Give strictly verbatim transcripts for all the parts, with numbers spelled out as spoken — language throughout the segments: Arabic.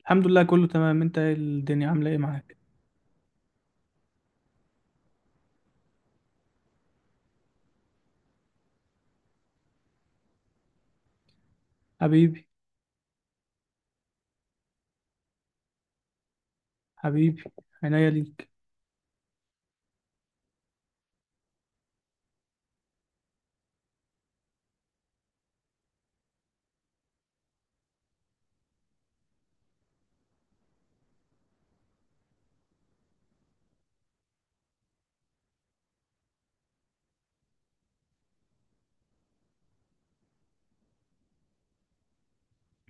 الحمد لله، كله تمام. انت ايه؟ الدنيا عامله ايه معاك؟ حبيبي، حبيبي، عينيا ليك.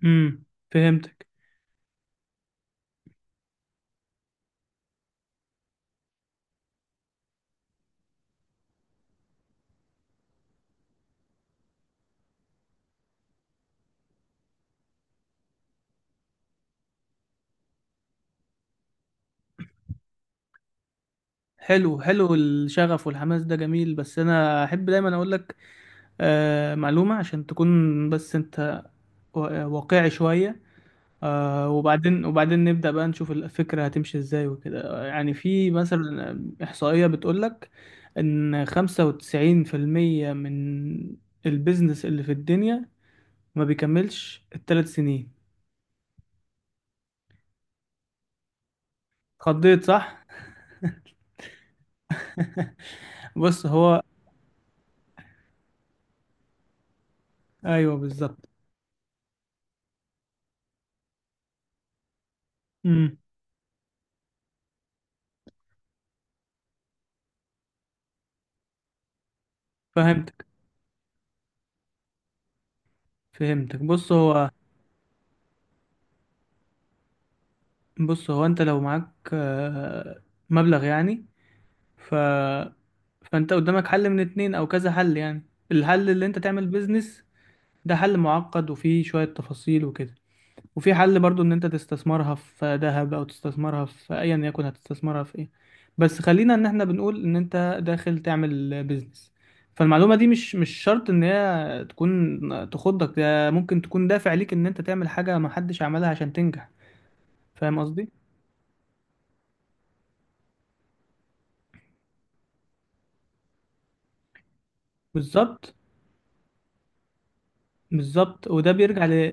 امم. فهمتك. حلو حلو، الشغف والحماس ده جميل، بس انا احب دايما اقول لك آه معلومه عشان تكون بس انت وا- واقعي شويه. آه وبعدين وبعدين نبدا بقى نشوف الفكره هتمشي ازاي وكده. آه، يعني في مثلا احصائيه بتقول لك ان خمسة وتسعين في المية من البيزنس اللي في الدنيا ما بيكملش الثلاث سنين. اتخضيت، صح؟ بص هو، ايوه بالظبط. امم. فهمتك فهمتك بص هو بص هو انت لو معاك آه، مبلغ يعني. ف فانت قدامك حل من اتنين او كذا حل يعني. الحل اللي انت تعمل بيزنس، ده حل معقد وفيه شوية تفاصيل وكده. وفي حل برضو ان انت تستثمرها في ذهب، او تستثمرها في ايا يكن، هتستثمرها في ايه؟ بس خلينا ان احنا بنقول ان انت داخل تعمل بيزنس. فالمعلومة دي مش مش شرط ان هي تكون تخضك. ده ممكن تكون دافع ليك ان انت تعمل حاجة ما حدش عملها عشان تنجح. فاهم قصدي؟ بالظبط، بالظبط. وده بيرجع ل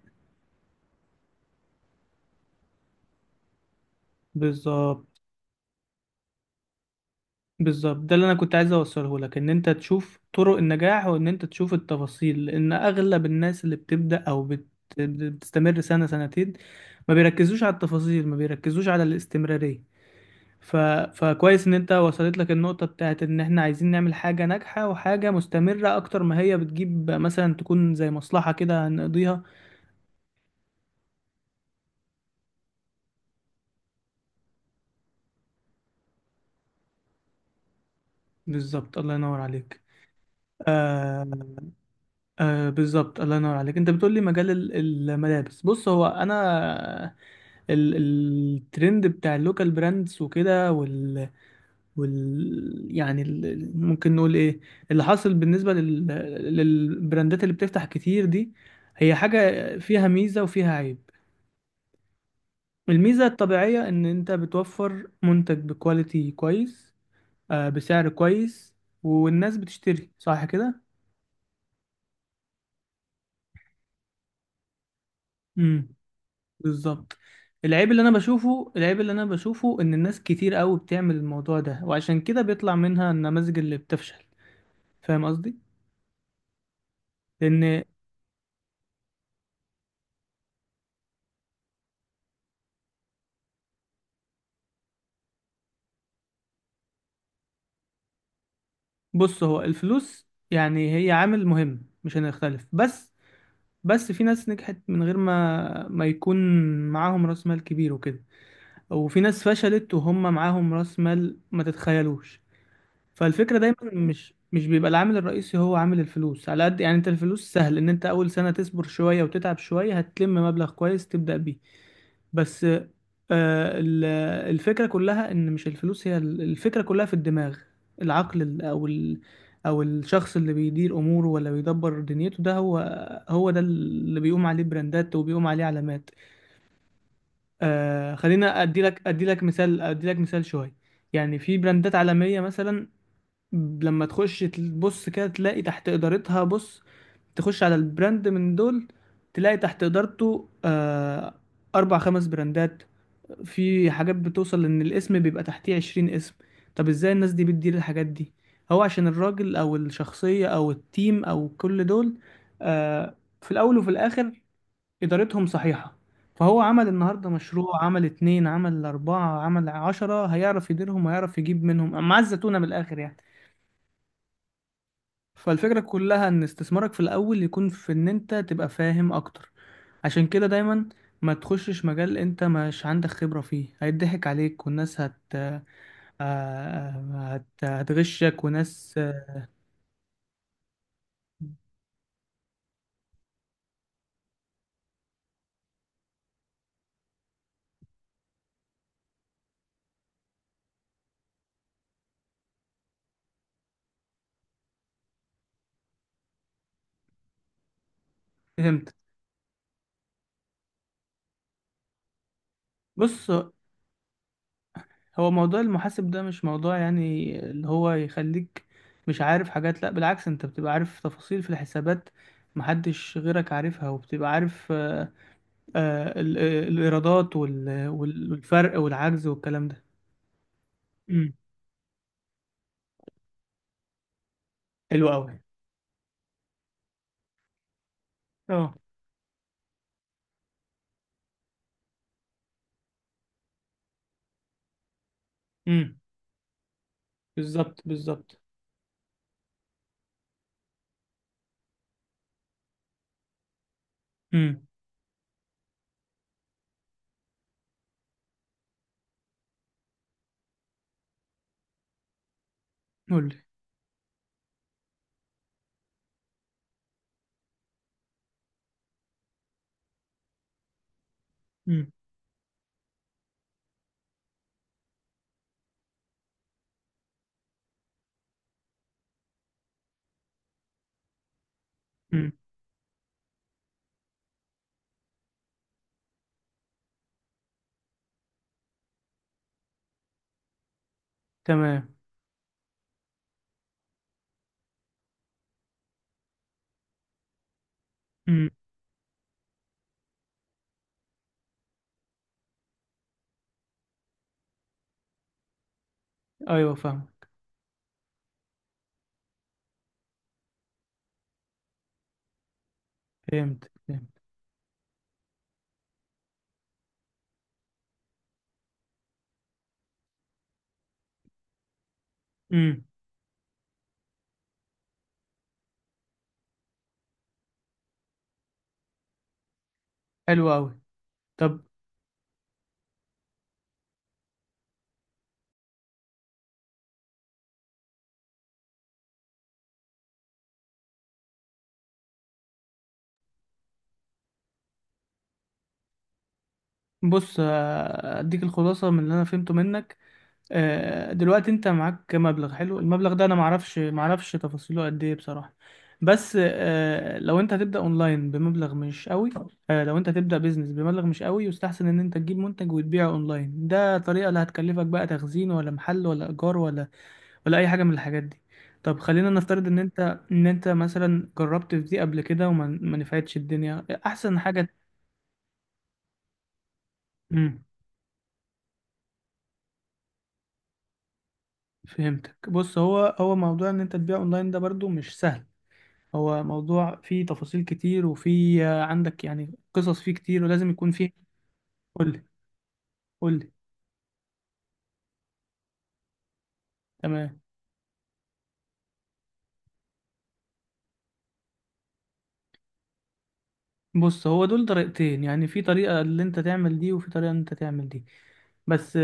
بالظبط بالظبط ده اللي انا كنت عايز اوصله لك ان انت تشوف طرق النجاح، وان انت تشوف التفاصيل، لان اغلب الناس اللي بتبدا او بت... بتستمر سنه سنتين، ما بيركزوش على التفاصيل، ما بيركزوش على الاستمراريه. ف... فكويس ان انت وصلت لك النقطه بتاعت ان احنا عايزين نعمل حاجه ناجحه وحاجه مستمره، اكتر ما هي بتجيب مثلا تكون زي مصلحه كده هنقضيها. بالظبط، الله ينور عليك. آه... آه بالظبط، الله ينور عليك. انت بتقول لي مجال ال- الملابس، بص هو انا ال- الترند بتاع اللوكال براندز وكده، وال وال يعني ال... ممكن نقول ايه اللي حاصل بالنسبه لل... للبراندات اللي بتفتح كتير دي، هي حاجه فيها ميزه وفيها عيب. الميزه الطبيعيه ان انت بتوفر منتج بكواليتي كويس، آه، بسعر كويس، والناس بتشتري، صح كده؟ امم، بالظبط. العيب اللي انا بشوفه العيب اللي انا بشوفه ان الناس كتير قوي بتعمل الموضوع ده، وعشان كده بيطلع منها النماذج اللي بتفشل. فاهم قصدي؟ لان بص هو الفلوس يعني هي عامل مهم، مش هنختلف، بس بس في ناس نجحت من غير ما ما يكون معاهم راس مال كبير وكده، وفي ناس فشلت وهم معاهم راس مال ما تتخيلوش. فالفكرة دايما مش مش بيبقى العامل الرئيسي هو عامل الفلوس على قد يعني. انت الفلوس سهل، ان انت اول سنة تصبر شوية وتتعب شوية هتلم مبلغ كويس تبدأ بيه. بس آه، ال- الفكرة كلها ان مش الفلوس هي ال- الفكرة كلها في الدماغ. العقل ال- او ال او الشخص اللي بيدير اموره، ولا بيدبر دنيته، ده هو هو ده اللي بيقوم عليه براندات وبيقوم عليه علامات. آه خلينا ادي لك ادي لك مثال ادي لك مثال شوية. يعني في براندات عالمية مثلا، ب- لما تخش تبص كده تلاقي تحت إدارتها. بص، تخش على البراند من دول تلاقي تحت إدارته آه، أربع خمس براندات. في حاجات بتوصل ان الاسم بيبقى تحتيه عشرين اسم. طب ازاي الناس دي بتدير الحاجات دي؟ هو عشان الراجل او الشخصية او التيم او كل دول، آه في الاول وفي الاخر، ادارتهم صحيحة. فهو عمل النهاردة مشروع، عمل اتنين، عمل اربعة، عمل عشرة، هيعرف يديرهم وهيعرف يجيب منهم مع الزتونة من الاخر يعني. فالفكرة كلها ان استثمارك في الاول يكون في ان انت تبقى فاهم اكتر. عشان كده دايما ما تخشش مجال انت مش عندك خبرة فيه، هيضحك عليك والناس هت آه، هت- هتغشك. وناس آه، فهمت. بص هو موضوع المحاسب ده مش موضوع يعني اللي هو يخليك مش عارف حاجات. لا بالعكس، انت بتبقى عارف تفاصيل في الحسابات محدش غيرك عارفها، وبتبقى عارف آه، آه، ال- آه، الإيرادات وال- وال- والفرق والعجز والكلام ده. امم. حلو قوي. اه. امم، بالظبط، بالظبط. امم. قول لي. امم. امم، تمام. امم، ايوه فاهمك. فهمت، فهمت. امم. حلو قوي. طب، بص آه، اديك الخلاصه من اللي انا فهمته منك. آه، دلوقتي انت معاك مبلغ حلو، المبلغ ده انا معرفش معرفش تفاصيله قد ايه بصراحه، بس آه، لو انت هتبدا اونلاين بمبلغ مش قوي، آه، لو انت هتبدا بيزنس بمبلغ مش قوي، يستحسن ان انت تجيب منتج وتبيعه اونلاين. ده طريقه لا هتكلفك بقى تخزين ولا محل ولا ايجار ولا ولا اي حاجه من الحاجات دي. طب خلينا نفترض ان انت ان انت مثلا جربت في دي قبل كده وما ما نفعتش الدنيا، احسن حاجه. فهمتك. بص هو هو موضوع ان انت تبيع اونلاين ده برضو مش سهل. هو موضوع فيه تفاصيل كتير، وفيه آه، عندك يعني قصص فيه كتير، ولازم يكون فيه. قول، قول. تمام. بص هو دول طريقتين، يعني في طريقة اللي انت تعمل دي، وفي طريقة ان انت تعمل دي. بس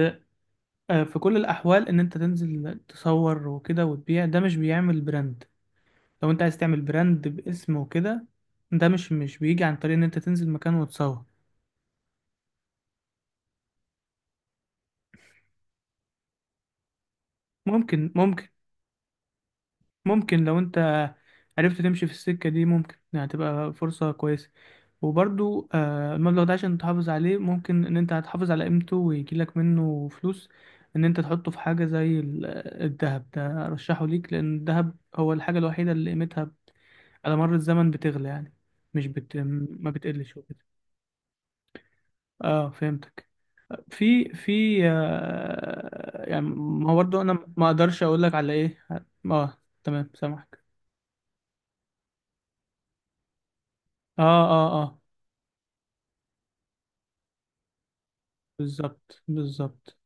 آه، في كل الاحوال ان انت تنزل تصور وكده وتبيع، ده مش بيعمل براند. لو انت عايز تعمل براند باسم وكده، ده مش مش بيجي عن طريق ان انت تنزل مكان وتصور. ممكن ممكن ممكن لو انت عرفت تمشي في السكة دي ممكن يعني تبقى فرصة كويسة. وبرضو آه، المبلغ ده عشان تحافظ عليه، ممكن ان انت هتحافظ على قيمته ويجيلك منه فلوس، ان انت تحطه في حاجة زي ال- آه، الذهب. ده ارشحه ليك لان الذهب هو الحاجة الوحيدة اللي قيمتها على مر الزمن بتغلى يعني، مش بت... ما بتقلش وكده. اه، فهمتك. في في آه يعني، ما هو برضه انا ما اقدرش اقول لك على ايه. اه، تمام، سامعك. اه، اه، اه، بالظبط، بالظبط.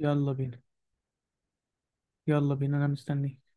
يلا بينا، يلا بينا، انا مستنيك.